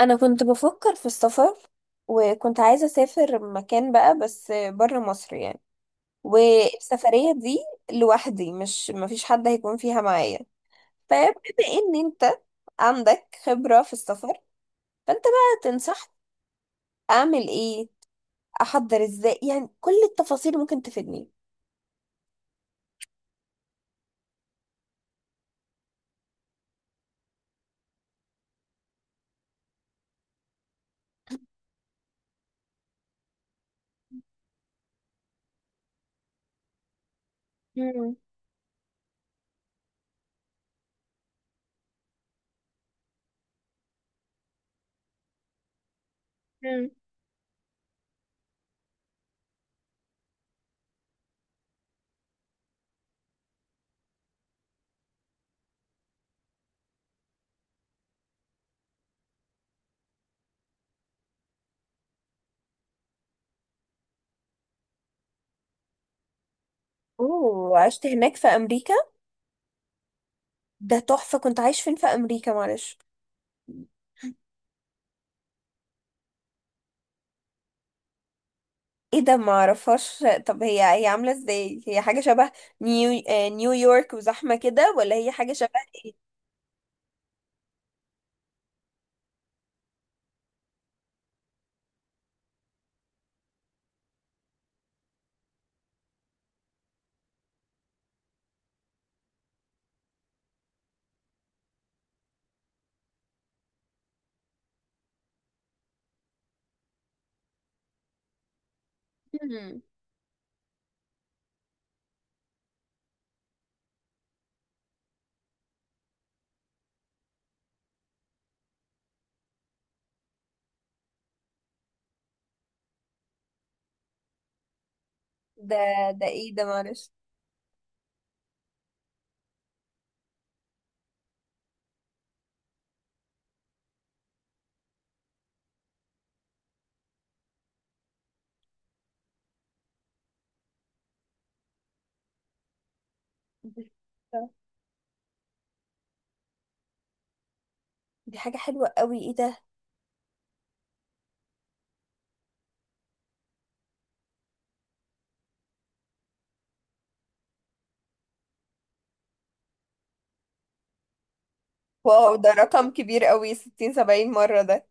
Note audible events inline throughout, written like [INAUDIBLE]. انا كنت بفكر في السفر، وكنت عايزة اسافر مكان بقى بس بره مصر يعني. والسفرية دي لوحدي، مش مفيش حد هيكون فيها معايا. فبما ان انت عندك خبرة في السفر، فانت بقى تنصح اعمل ايه، احضر ازاي يعني، كل التفاصيل ممكن تفيدني. مم. مم. اوه، عشت هناك في امريكا؟ ده تحفة. كنت عايش فين في امريكا معلش؟ ايه ده؟ ما اعرفهاش. طب هي هي عامله ازاي؟ هي حاجه شبه نيويورك وزحمه كده، ولا هي حاجه شبه ايه؟ مم. ده ده ايه ده معلش؟ [LAUGHS] دي حاجه حلوه قوي، ايه ده؟ واو، ده رقم كبير قوي، 60 70 مره ده.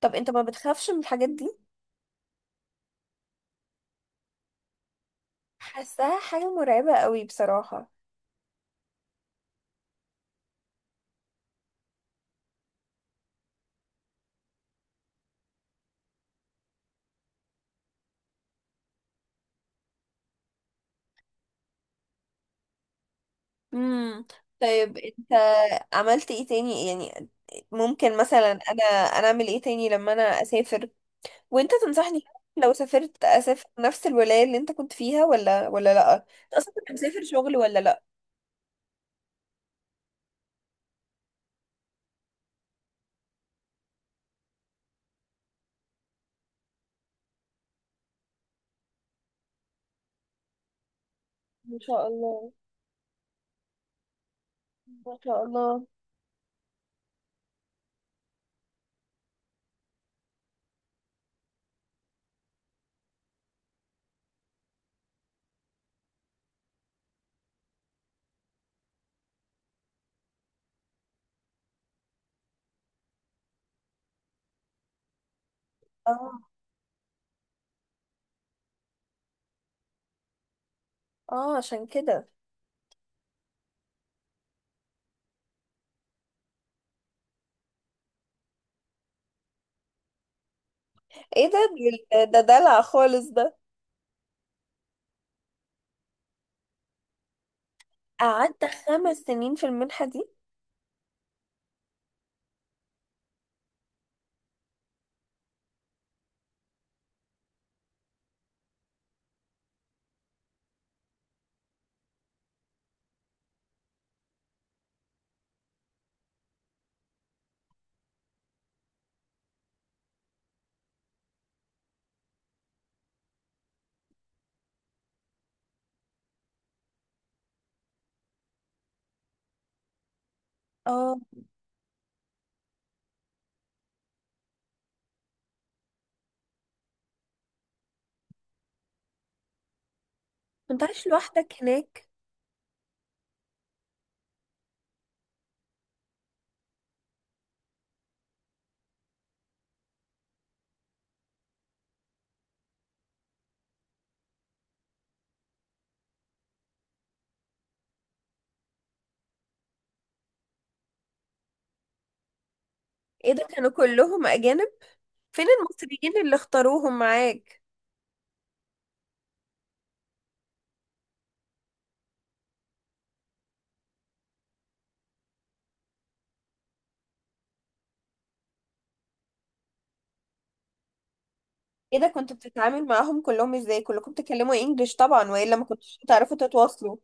طب انت ما بتخافش من الحاجات دي؟ حاساها حاجه مرعبه قوي بصراحه. امم طيب انت عملت ايه تاني يعني؟ ممكن مثلا انا اعمل ايه تاني لما انا اسافر وانت تنصحني؟ لو سافرت اسافر نفس الولاية اللي انت كنت فيها، ولا لا؟ انت اصلا كنت مسافر شغل ولا لا؟ ما شاء الله، ما شاء الله. اه. اه، عشان كده. ايه ده؟ ده دلع خالص ده. قعدت خمس سنين في المنحة دي؟ اه، كنت عايش لوحدك هناك؟ ايه ده؟ كانوا كلهم اجانب؟ فين المصريين اللي اختاروهم معاك؟ ايه ده؟ كنت بتتعامل معاهم كلهم ازاي؟ كلكم بتتكلموا انجليش طبعا، والا ما كنتش تعرفوا تتواصلوا؟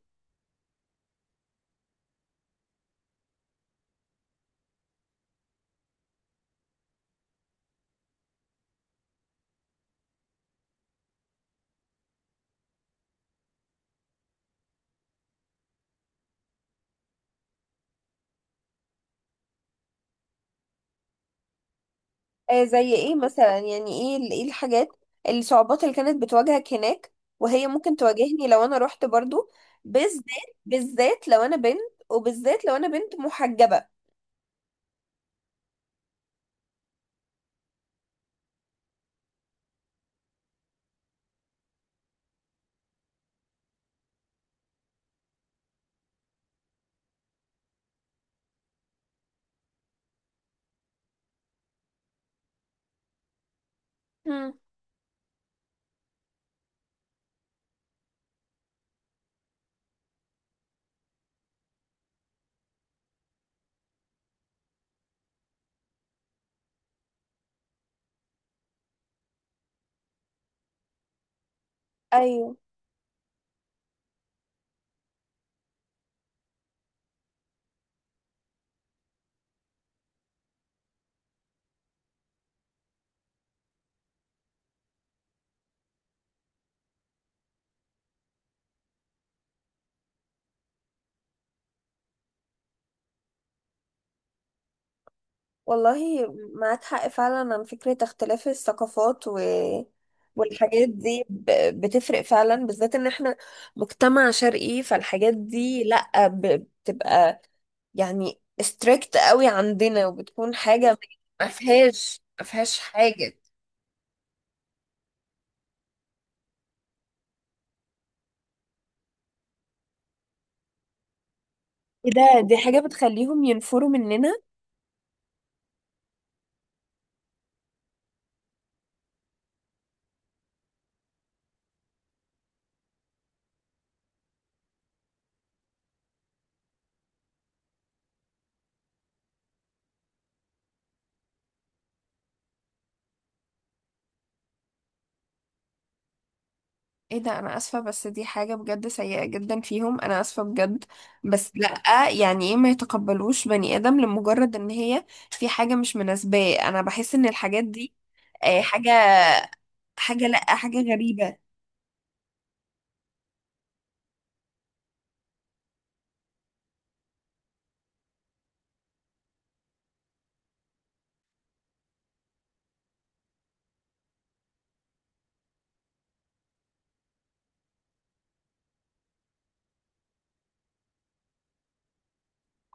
آه، زي ايه مثلا يعني، ايه ايه الحاجات الصعوبات اللي كانت بتواجهك هناك، وهي ممكن تواجهني لو انا رحت برضو، بالذات. لو انا بنت، وبالذات لو انا بنت محجبة؟ مم. ايوه، والله معاك حق فعلا. عن فكرة اختلاف الثقافات والحاجات دي بتفرق فعلا، بالذات ان احنا مجتمع شرقي، فالحاجات دي لا، بتبقى يعني ستريكت قوي عندنا، وبتكون حاجة ما فيهاش حاجة. ايه ده؟ دي حاجة بتخليهم ينفروا مننا؟ ايه ده؟ انا اسفة. بس دي حاجة بجد سيئة جدا فيهم، انا اسفة بجد. بس لا يعني، ايه؟ ما يتقبلوش بني ادم لمجرد ان هي في حاجة مش مناسباه. انا بحس ان الحاجات دي حاجة حاجة لا حاجة غريبة.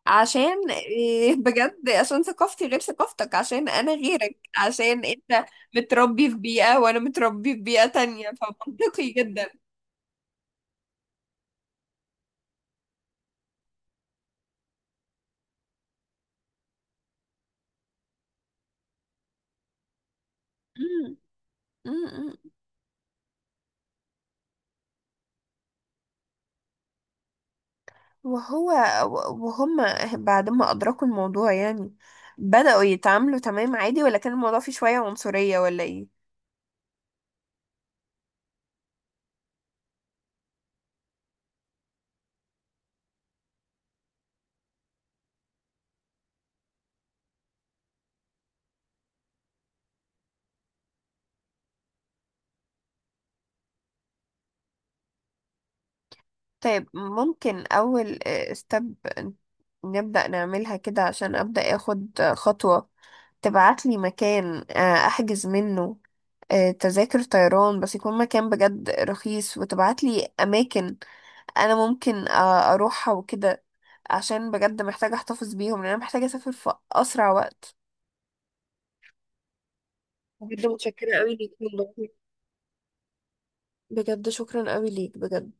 عشان بجد، عشان ثقافتي غير ثقافتك، عشان انا غيرك، عشان انت متربي في بيئة وانا متربي في بيئة تانية، فمنطقي جدا. مم. مم. وهو وهم بعد ما أدركوا الموضوع يعني بدأوا يتعاملوا تمام عادي، ولا كان الموضوع فيه شوية عنصرية، ولا ايه؟ طيب، ممكن أول ستيب نبدأ نعملها كده عشان أبدأ أخد خطوة؟ تبعتلي مكان أحجز منه تذاكر طيران، بس يكون مكان بجد رخيص، وتبعت لي اماكن انا ممكن اروحها وكده، عشان بجد محتاجة احتفظ بيهم، لان انا محتاجة اسافر في اسرع وقت. بجد متشكرة قوي ليك والله، بجد شكرا قوي ليك بجد.